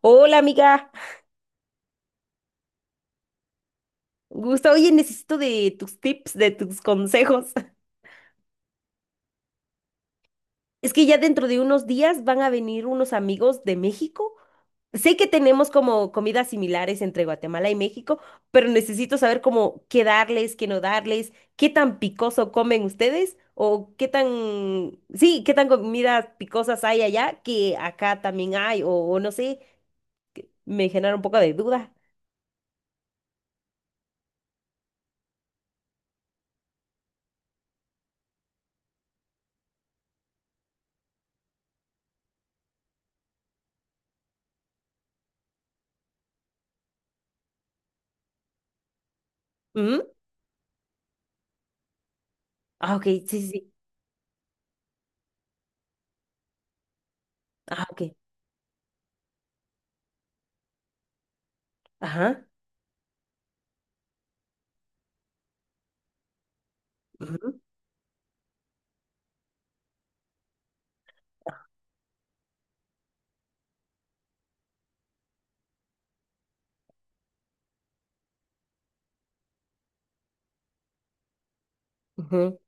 Hola amiga, gusta. Oye, necesito de tus tips, de tus consejos. Es que ya dentro de unos días van a venir unos amigos de México. Sé que tenemos como comidas similares entre Guatemala y México, pero necesito saber cómo qué darles, qué no darles, qué tan picoso comen ustedes o qué tan, sí, qué tan comidas picosas hay allá que acá también hay o no sé, me genera un poco de duda. Ujú. Ah, ok, sí, sí, sí. Ah, ok. Ajá. Ujú, ujú.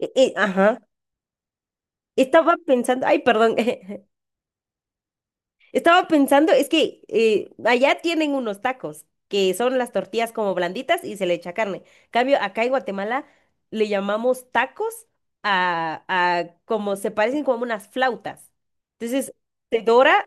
Ajá. Estaba pensando, ay, perdón. Estaba pensando, es que allá tienen unos tacos, que son las tortillas como blanditas y se le echa carne. Cambio, acá en Guatemala le llamamos tacos a como se parecen como unas flautas. Entonces, se dora,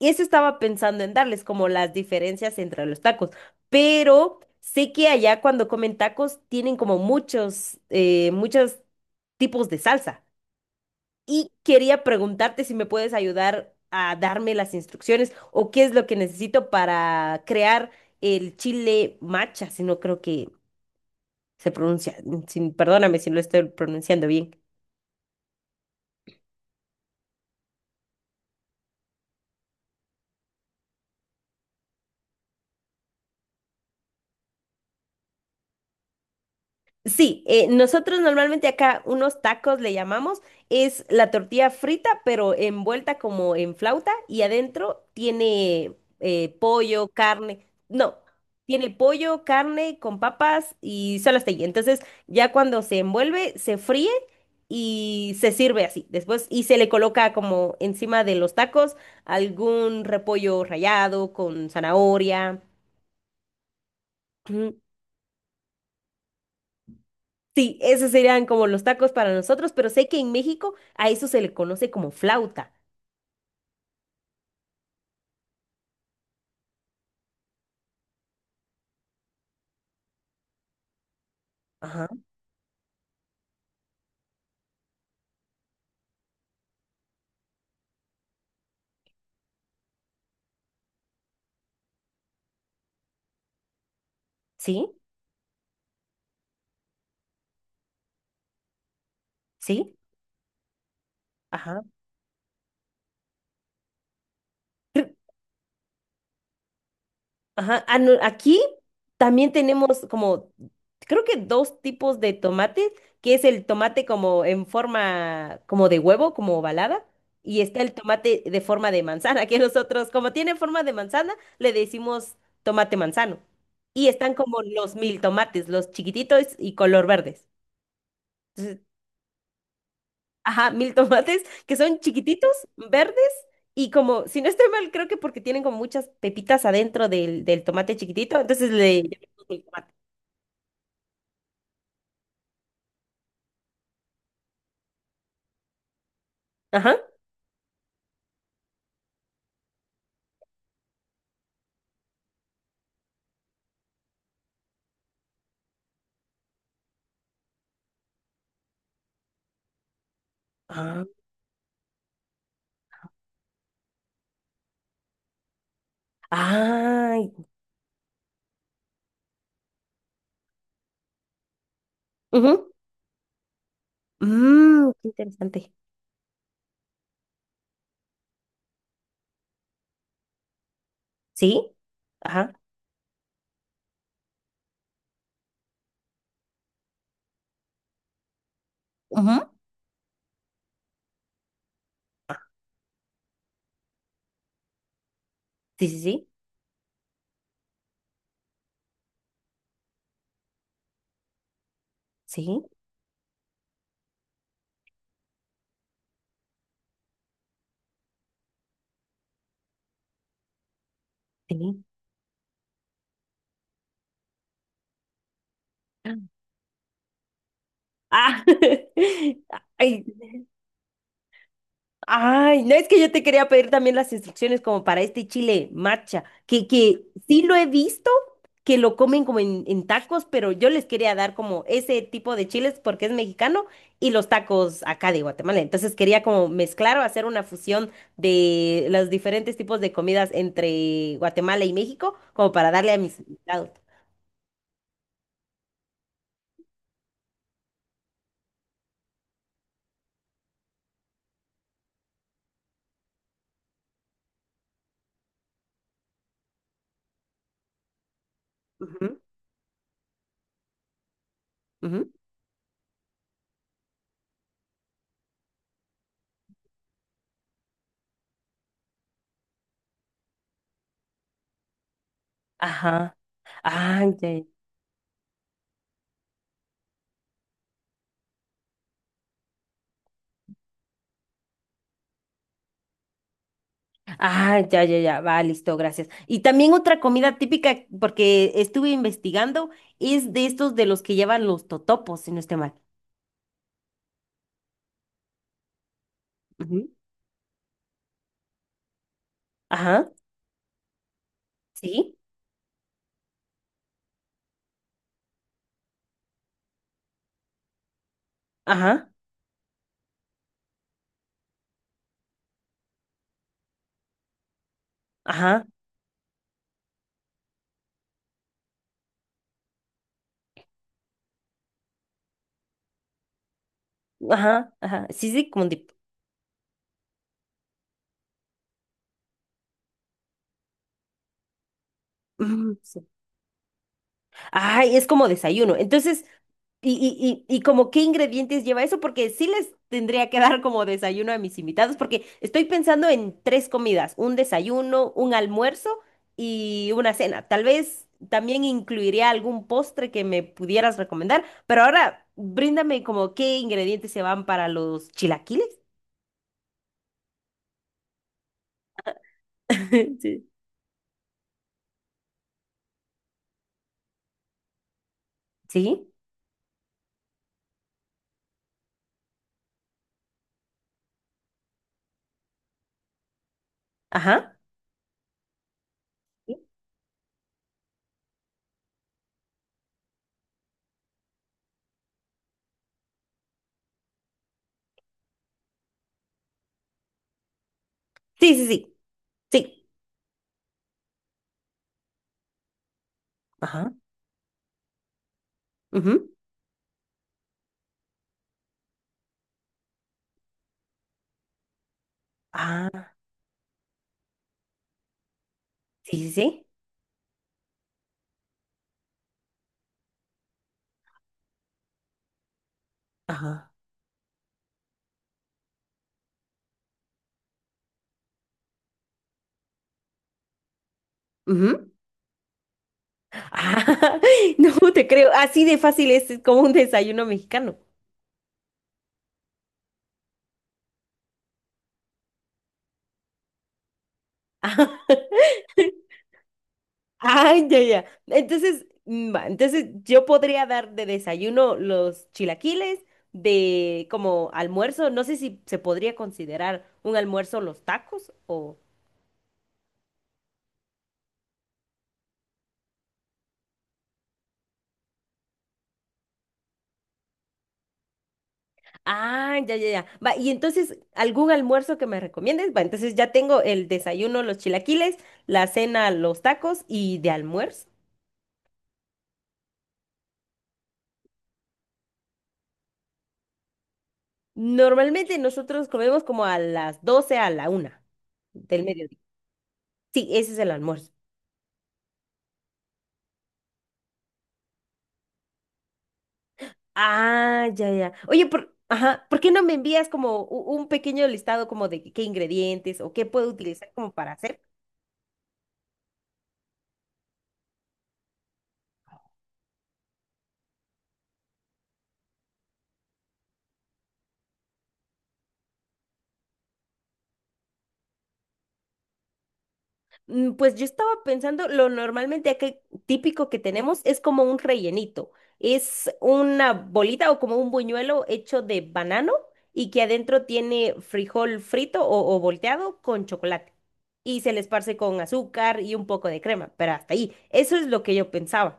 y eso estaba pensando en darles como las diferencias entre los tacos. Pero sé que allá cuando comen tacos tienen como muchos, muchos tipos de salsa. Y quería preguntarte si me puedes ayudar a darme las instrucciones o qué es lo que necesito para crear el chile macha, si no creo que se pronuncia, perdóname si no lo estoy pronunciando bien. Sí, nosotros normalmente acá unos tacos le llamamos, es la tortilla frita, pero envuelta como en flauta y adentro tiene pollo, carne, no, tiene pollo, carne con papas y solo hasta ahí. Entonces ya cuando se envuelve, se fríe y se sirve así. Después y se le coloca como encima de los tacos algún repollo rallado con zanahoria. Sí, esos serían como los tacos para nosotros, pero sé que en México a eso se le conoce como flauta. Ajá. Sí, sí, ajá, ajá. Ah, no, aquí también tenemos como, creo que dos tipos de tomates, que es el tomate como en forma, como de huevo, como ovalada, y está el tomate de forma de manzana, que nosotros, como tiene forma de manzana, le decimos tomate manzano. Y están como los mil tomates, los chiquititos y color verdes. Ajá, mil tomates que son chiquititos, verdes y como, si no estoy mal, creo que porque tienen como muchas pepitas adentro del tomate chiquitito, entonces le llamamos mil tomate. Ajá. Ah. Ay. Ujú. Mm, qué interesante. ¿Sí? Ajá. Ujú. Sí, sí, sí. Sí, sí. Ah. Ay, Ay, no es que yo te quería pedir también las instrucciones como para este chile marcha, que sí lo he visto, que lo comen como en tacos, pero yo les quería dar como ese tipo de chiles porque es mexicano y los tacos acá de Guatemala. Entonces quería como mezclar o hacer una fusión de los diferentes tipos de comidas entre Guatemala y México, como para darle a mis invitados. Ujú, ujú. Ajá. Ah, ya, ya. Ah, ya, ya, ya. Va, listo, gracias. Y también otra comida típica, porque estuve investigando, es de estos de los que llevan los totopos, si no estoy mal. Ujú. Ajá, sí. Ajá, ajá, ajá, ajá. Sí, sí, como tipo. Ay, es como desayuno. Entonces, y como qué ingredientes lleva eso, porque sí les tendría que dar como desayuno a mis invitados, porque estoy pensando en tres comidas, un desayuno, un almuerzo y una cena. Tal vez también incluiría algún postre que me pudieras recomendar, pero ahora bríndame como qué ingredientes se van para los chilaquiles. Sí. ¿Sí? Ajá. Sí, sí, sí. Sí. Sí, ajá. Ujú, ah, sí, sí, sí. Ajá. Ujú. Ah, no te creo. Así de fácil es como un desayuno mexicano. Ay, ya, ya. Entonces, va, entonces yo podría dar de desayuno los chilaquiles, de como almuerzo, no sé si se podría considerar un almuerzo los tacos o... Ah, ya, ya, ya. Va, y entonces, ¿algún almuerzo que me recomiendes? Va, entonces ya tengo el desayuno los chilaquiles, la cena los tacos y de almuerzo. Normalmente nosotros comemos como a las 12 a la 1 del mediodía. Sí, ese es el almuerzo. Ah, ya, ya. Oye, por, ajá, ¿por qué no me envías como un pequeño listado como de qué ingredientes o qué puedo utilizar como para hacer? Mm, pues yo estaba pensando, lo normalmente aquí típico que tenemos es como un rellenito. Es una bolita o como un buñuelo hecho de banano y que adentro tiene frijol frito o volteado con chocolate. Y se le esparce con azúcar y un poco de crema, pero hasta ahí. Eso es lo que yo pensaba.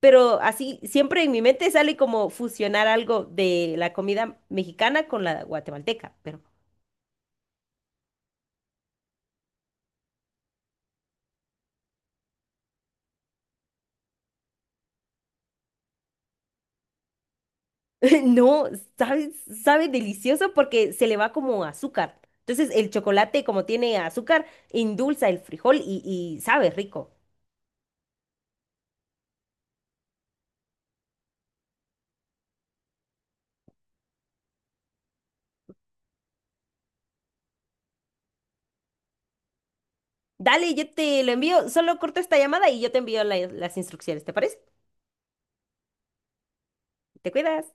Pero así, siempre en mi mente sale como fusionar algo de la comida mexicana con la guatemalteca, pero no, sabe, sabe delicioso porque se le va como azúcar. Entonces el chocolate, como tiene azúcar, endulza el frijol y sabe rico. Dale, yo te lo envío. Solo corto esta llamada y yo te envío las instrucciones, ¿te parece? Te cuidas.